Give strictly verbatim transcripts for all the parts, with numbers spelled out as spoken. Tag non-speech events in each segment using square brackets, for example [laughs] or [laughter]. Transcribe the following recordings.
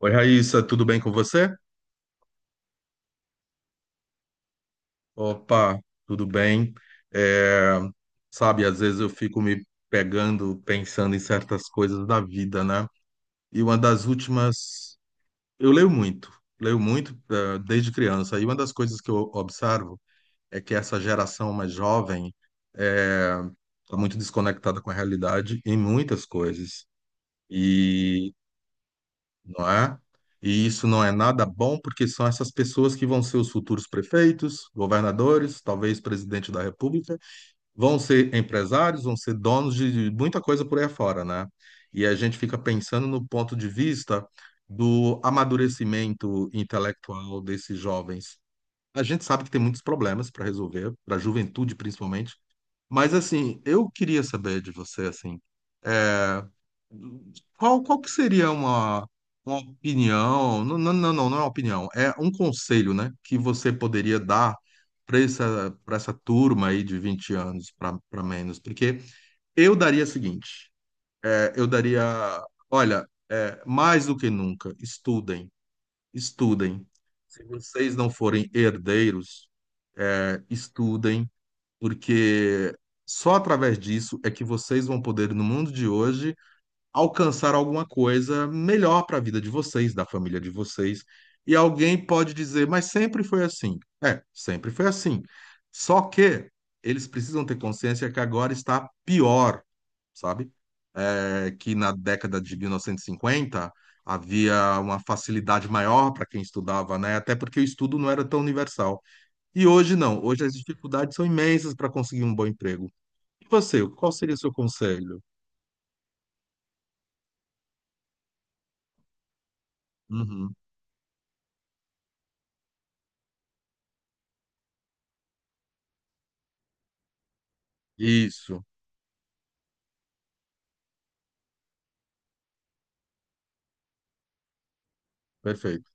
Oi, Raíssa, tudo bem com você? Opa, tudo bem. É, sabe, às vezes eu fico me pegando, pensando em certas coisas da vida, né? E uma das últimas, eu leio muito, leio muito, eh, desde criança. E uma das coisas que eu observo é que essa geração mais jovem está muito desconectada com a realidade em muitas coisas. E não é? E isso não é nada bom, porque são essas pessoas que vão ser os futuros prefeitos, governadores, talvez presidente da República, vão ser empresários, vão ser donos de muita coisa por aí afora, né? E a gente fica pensando no ponto de vista do amadurecimento intelectual desses jovens. A gente sabe que tem muitos problemas para resolver, para a juventude principalmente, mas assim, eu queria saber de você assim. Qual, qual que seria uma, uma opinião? Não, não, não, não não é uma opinião, é um conselho, né, que você poderia dar para essa, para essa turma aí de vinte anos para menos? Porque eu daria o seguinte: é, eu daria, olha, é, mais do que nunca, estudem, estudem. Se vocês não forem herdeiros, é, estudem, porque só através disso é que vocês vão poder, no mundo de hoje, alcançar alguma coisa melhor para a vida de vocês, da família de vocês. E alguém pode dizer, mas sempre foi assim. É, sempre foi assim. Só que eles precisam ter consciência que agora está pior, sabe? É que na década de mil novecentos e cinquenta havia uma facilidade maior para quem estudava, né? Até porque o estudo não era tão universal. E hoje não. Hoje as dificuldades são imensas para conseguir um bom emprego. E você, qual seria o seu conselho? Uhum. Isso, perfeito.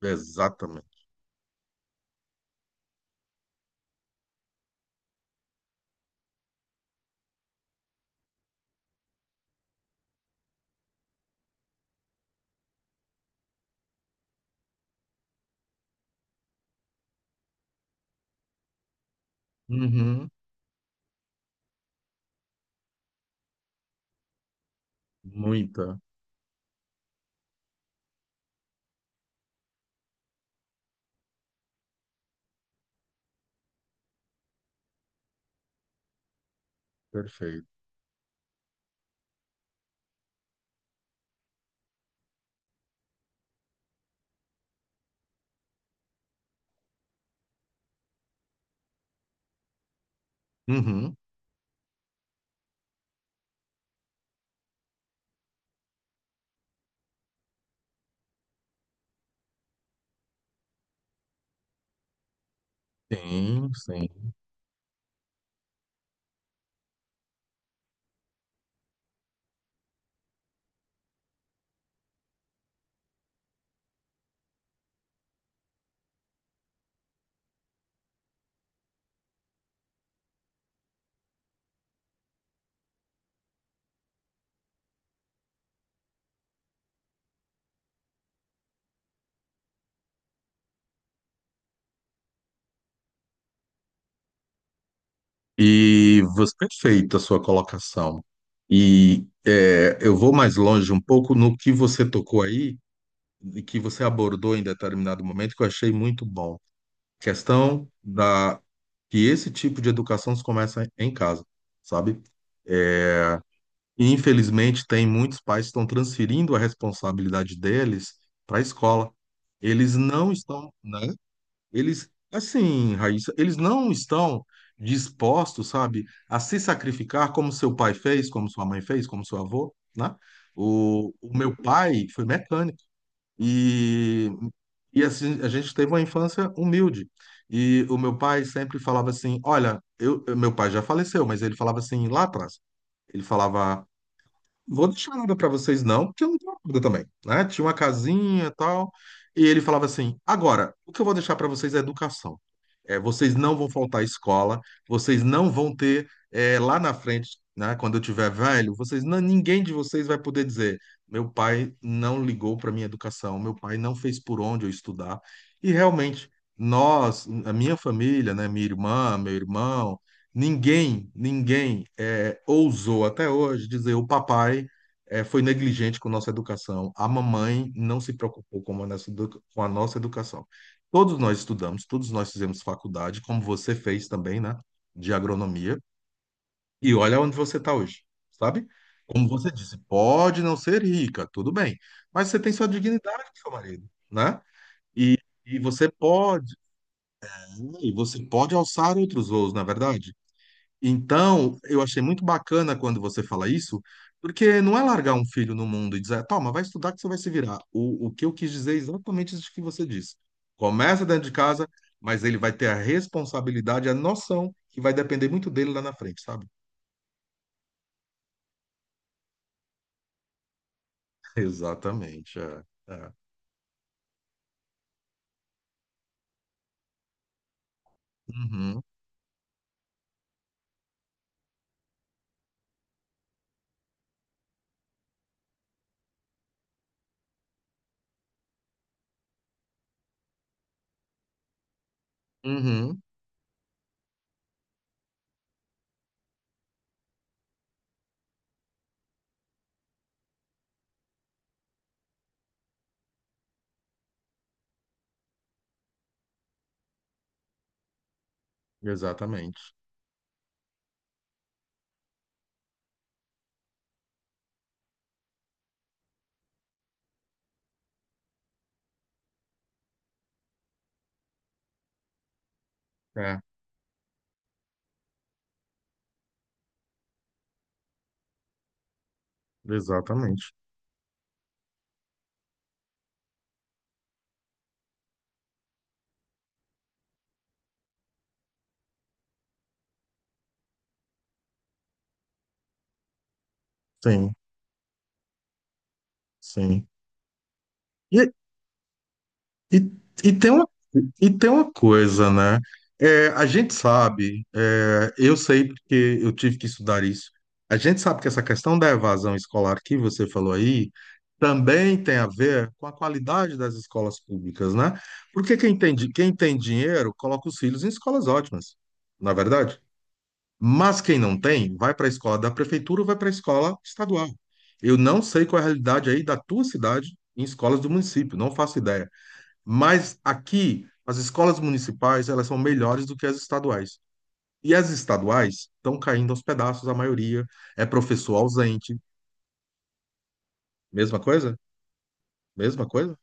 Exatamente. Uhum. Muita. Perfeito. Uhum. Sim, sim. E você, perfeita a sua colocação. E é, eu vou mais longe um pouco no que você tocou aí, e que você abordou em determinado momento, que eu achei muito bom. Questão da que esse tipo de educação se começa em casa, sabe? É, Infelizmente, tem muitos pais que estão transferindo a responsabilidade deles para a escola. Eles não estão, né? Eles, assim, Raíssa, eles não estão dispostos, sabe, a se sacrificar como seu pai fez, como sua mãe fez, como seu avô, né? O, o meu pai foi mecânico e, e assim, a gente teve uma infância humilde. E o meu pai sempre falava assim: olha, eu, meu pai já faleceu, mas ele falava assim lá atrás. Ele falava: vou deixar nada pra vocês não, porque eu não tenho nada também, né? Tinha uma casinha e tal, e ele falava assim: agora, o que eu vou deixar pra vocês é educação. É, vocês não vão faltar à escola, vocês não vão ter é, lá na frente, né? Quando eu tiver velho, vocês não- ninguém de vocês vai poder dizer: meu pai não ligou pra minha educação, meu pai não fez por onde eu estudar. E realmente nós, a minha família, né? Minha irmã, meu irmão. Ninguém, ninguém é, ousou até hoje dizer o papai é, foi negligente com nossa educação, a mamãe não se preocupou com a nossa edu- com a nossa educação. Todos nós estudamos, todos nós fizemos faculdade, como você fez também, né, de agronomia, e olha onde você está hoje, sabe? Como você disse, pode não ser rica, tudo bem, mas você tem sua dignidade, seu marido, né? E, e você pode, e você pode alçar outros voos, na verdade. Então, eu achei muito bacana quando você fala isso, porque não é largar um filho no mundo e dizer, toma, vai estudar que você vai se virar. O, o que eu quis dizer é exatamente isso que você disse. Começa dentro de casa, mas ele vai ter a responsabilidade, a noção, que vai depender muito dele lá na frente, sabe? [laughs] Exatamente. É, é. Uhum, uhum, exatamente. É, exatamente. Sim, sim. E, E, e, tem uma, e tem uma coisa, né? É, a gente sabe, é, eu sei porque eu tive que estudar isso. A gente sabe que essa questão da evasão escolar que você falou aí também tem a ver com a qualidade das escolas públicas, né? Porque quem tem, di- quem tem dinheiro coloca os filhos em escolas ótimas, na verdade. Mas quem não tem, vai para a escola da prefeitura ou vai para a escola estadual. Eu não sei qual é a realidade aí da tua cidade em escolas do município, não faço ideia. Mas aqui, as escolas municipais, elas são melhores do que as estaduais. E as estaduais estão caindo aos pedaços, a maioria é professor ausente. Mesma coisa? Mesma coisa?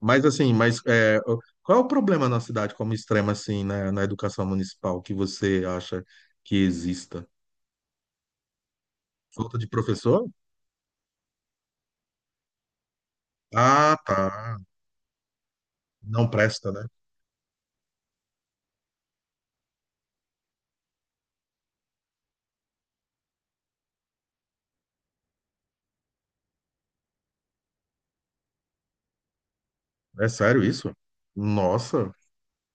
Mas assim, mas é, qual é o problema na cidade como extrema assim, na, na educação municipal que você acha que exista? Falta de professor? Ah, tá. Não presta, né? É sério isso? Nossa,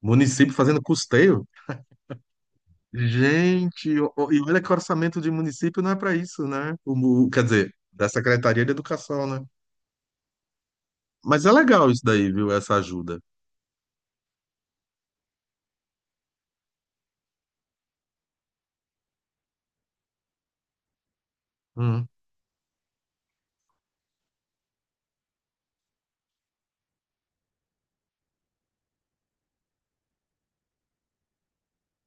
município fazendo custeio? Gente, o- o- e olha que o orçamento de município não é para isso, né? O, o- quer dizer, da Secretaria de Educação, né? Mas é legal isso daí, viu? Essa ajuda. Hum,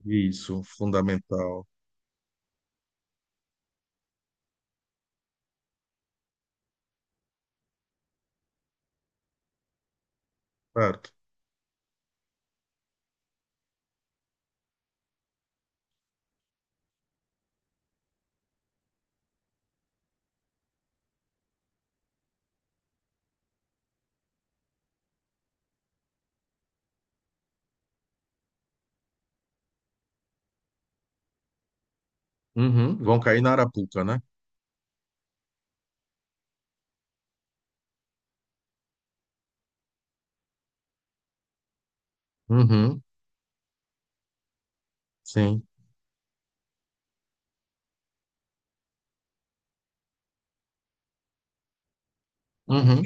isso, fundamental. Certo. Uhum, vão cair na Arapuca, né? Uhum, sim. Uhum,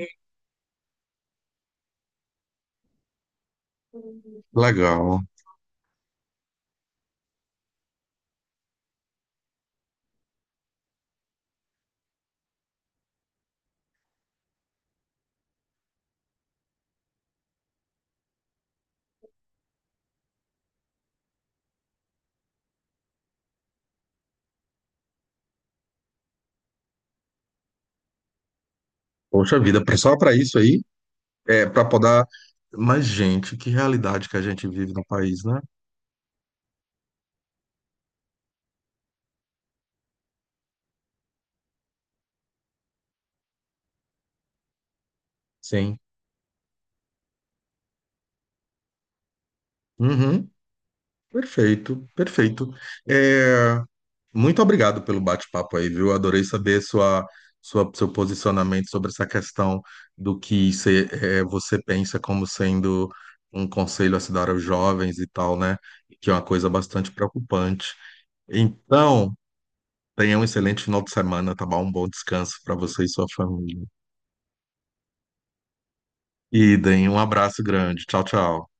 legal. Poxa vida, pra- só para isso aí, é para poder. Mas, gente, que realidade que a gente vive no país, né? Sim. Uhum, perfeito, perfeito. Muito obrigado pelo bate-papo aí, viu? Adorei saber sua, sua, seu posicionamento sobre essa questão do que cê, eh, você pensa como sendo um conselho a se dar aos jovens e tal, né? Que é uma coisa bastante preocupante. Então, tenha um excelente final de semana, tá bom? Um bom descanso para você e sua família. E deem um abraço grande. Tchau, tchau.